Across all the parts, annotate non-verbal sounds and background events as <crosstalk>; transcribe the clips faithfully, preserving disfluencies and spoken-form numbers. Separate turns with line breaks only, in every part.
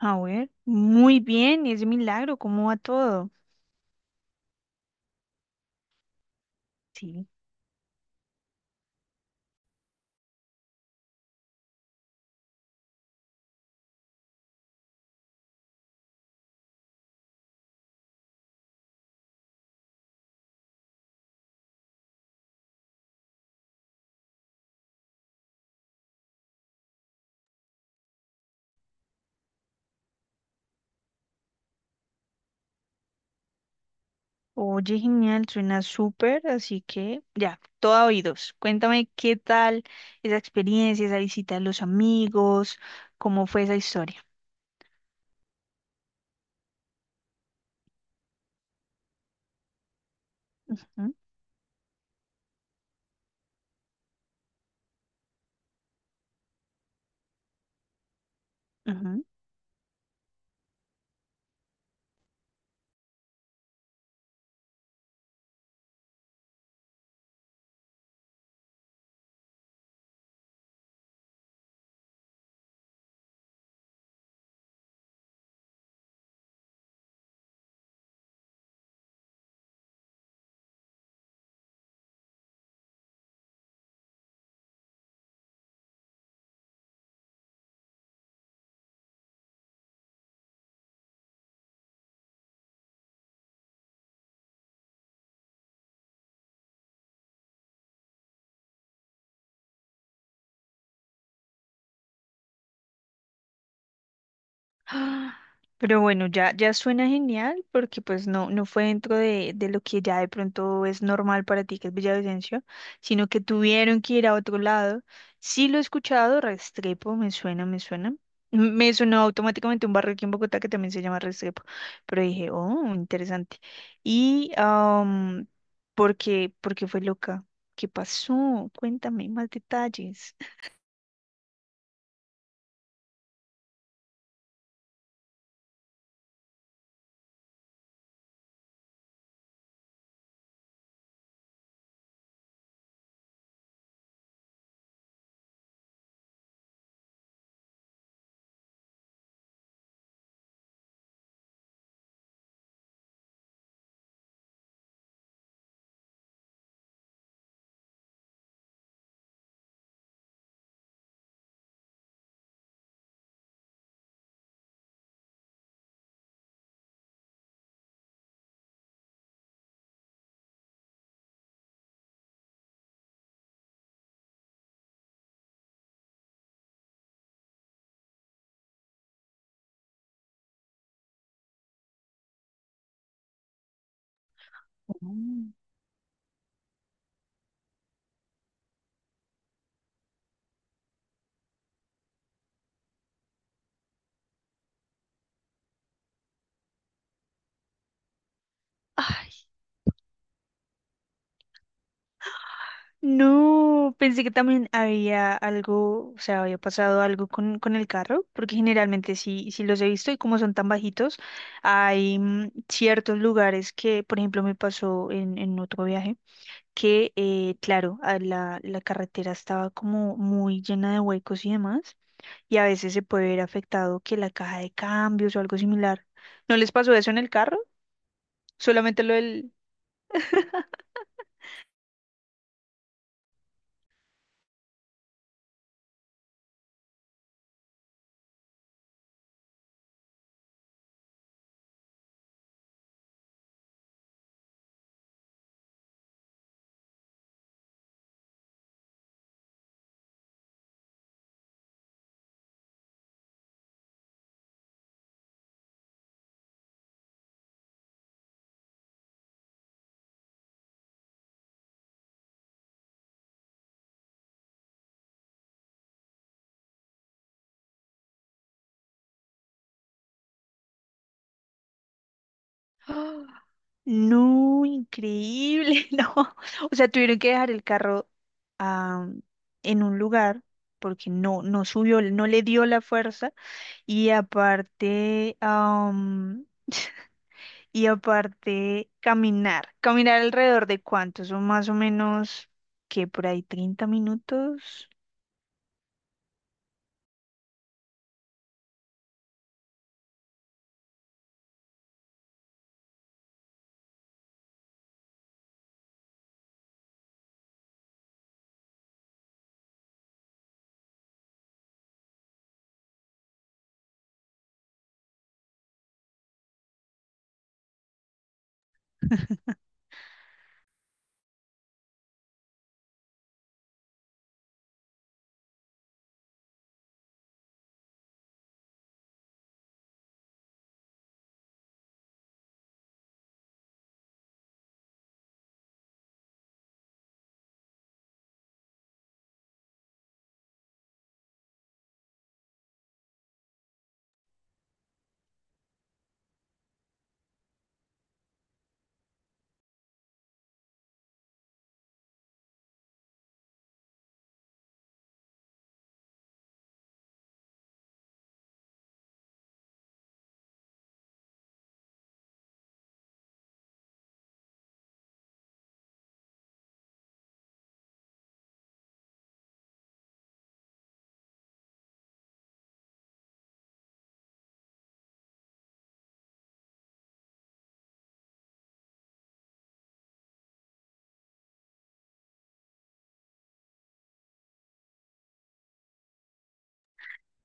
A ver, muy bien, es milagro, ¿cómo va todo? Sí. Oye, genial, suena súper, así que ya, todo oídos. Cuéntame qué tal esa experiencia, esa visita a los amigos, cómo fue esa historia. Ujú, ujú. Ah, Pero bueno, ya, ya suena genial porque pues no, no fue dentro de, de lo que ya de pronto es normal para ti, que es Villavicencio, sino que tuvieron que ir a otro lado. Sí lo he escuchado, Restrepo, me suena, me suena. M- Me sonó automáticamente un barrio aquí en Bogotá que también se llama Restrepo, pero dije, oh, interesante. Y, am, ¿por qué, por qué fue loca? ¿Qué pasó? Cuéntame más detalles. <laughs> Mm. No, pensé que también había algo, o sea, había pasado algo con, con el carro, porque generalmente sí, sí los he visto y como son tan bajitos, hay mm, ciertos lugares que, por ejemplo, me pasó en, en otro viaje, que, eh, claro, a la, la carretera estaba como muy llena de huecos y demás, y a veces se puede ver afectado que la caja de cambios o algo similar. ¿No les pasó eso en el carro? Solamente lo del... <gasps> No, increíble, <laughs> no. O sea, tuvieron que dejar el carro ah, en un lugar porque no, no subió, no le dio la fuerza y aparte, am, <laughs> y aparte caminar, caminar alrededor de cuánto, son más o menos que por ahí treinta minutos,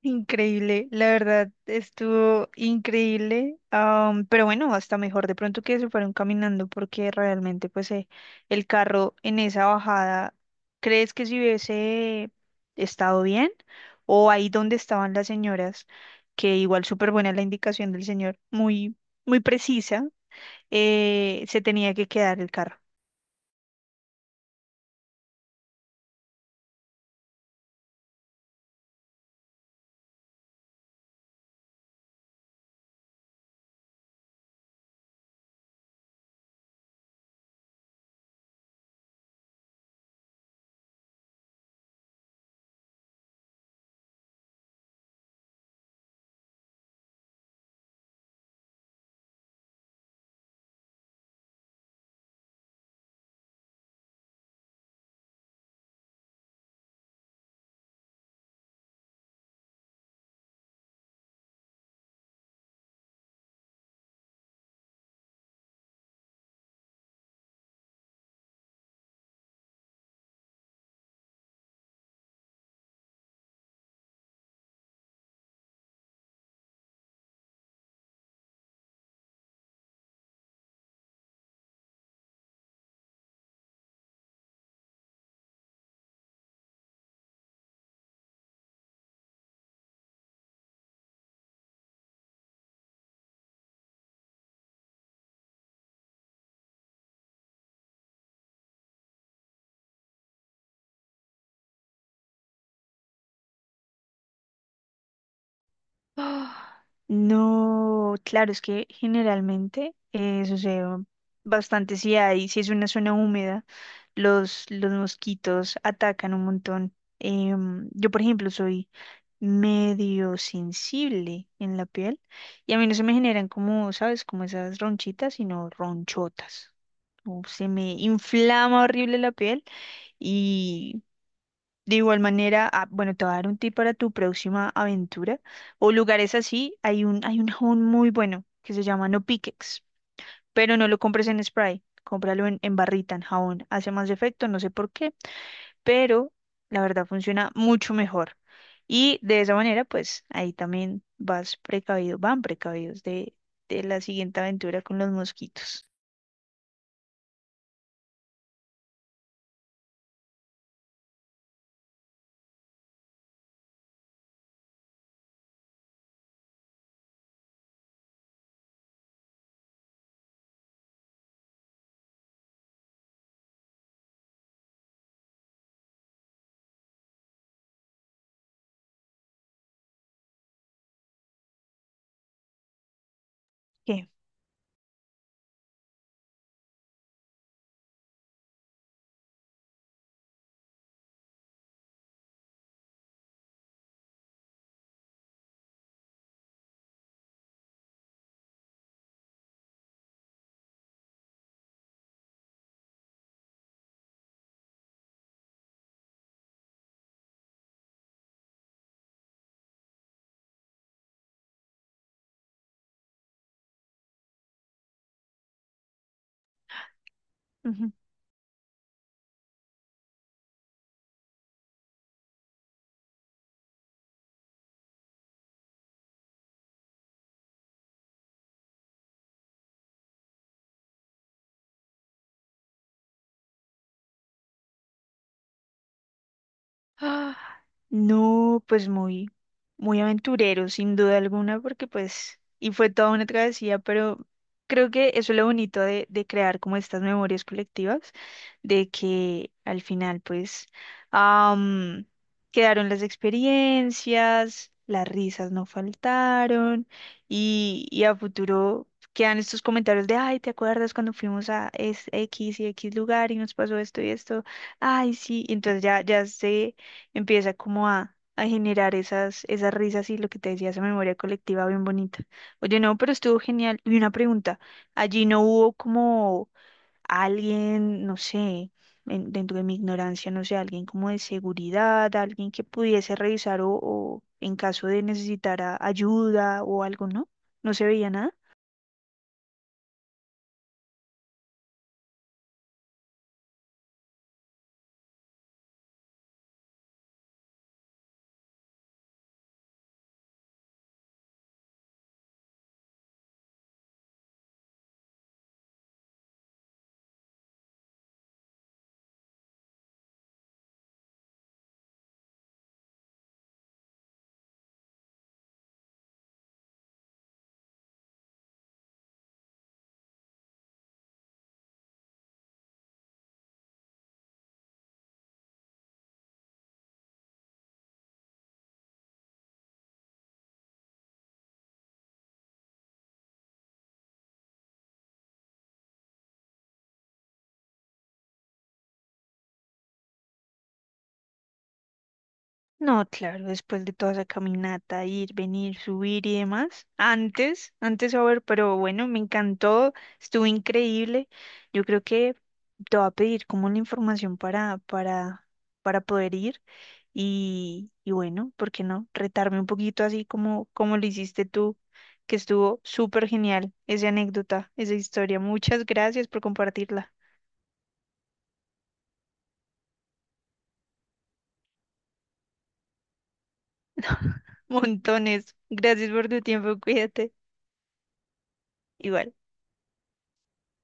Increíble, la verdad estuvo increíble, am, pero bueno, hasta mejor de pronto que se fueron caminando porque realmente pues eh, el carro en esa bajada, ¿crees que si hubiese estado bien? O ahí donde estaban las señoras, que igual súper buena la indicación del señor, muy, muy precisa, eh, se tenía que quedar el carro. Ah, No, claro, es que generalmente eh, sucede bastante si hay, si es una zona húmeda, los, los mosquitos atacan un montón. Em, yo, por ejemplo, soy medio sensible en la piel y a mí no se me generan como, ¿sabes? Como esas ronchitas, sino ronchotas. O se me inflama horrible la piel de igual manera, ah, bueno, te voy a dar un tip para tu próxima aventura o lugares así. Hay un, hay un jabón muy bueno que se llama No Piquex, pero no lo compres en spray, cómpralo en, en barrita, en jabón. Hace más efecto, no sé por qué, pero la verdad funciona mucho mejor. Y de esa manera, pues ahí también vas precavido, van precavidos de, de la siguiente aventura con los mosquitos. ¿Qué? Ah, no, pues muy, muy aventurero, sin duda alguna, porque pues, y fue toda una travesía, pero creo que eso es lo bonito de, de crear como estas memorias colectivas, de que al final pues am, quedaron las experiencias, las risas no faltaron y, y a futuro quedan estos comentarios de, ay, ¿te acuerdas cuando fuimos a es- X y X lugar y nos pasó esto y esto? Ay, sí, y entonces ya, ya se empieza como a, a generar esas, esas risas y lo que te decía, esa memoria colectiva bien bonita. Oye, no, pero estuvo genial. Y una pregunta, allí no hubo como alguien, no sé, en- dentro de mi ignorancia, no sé, alguien como de seguridad, alguien que pudiese revisar o, o en caso de necesitar a- ayuda o algo, ¿no? No se veía nada. No, claro, después de toda esa caminata, ir, venir, subir y demás. Antes, antes a ver, pero bueno, me encantó, estuvo increíble. Yo creo que te va a pedir como la información para, para, para poder ir y, y bueno, ¿por qué no? Retarme un poquito así como, como lo hiciste tú, que estuvo súper genial esa anécdota, esa historia. Muchas gracias por compartirla. <laughs> Montones. Gracias por tu tiempo, cuídate. Igual.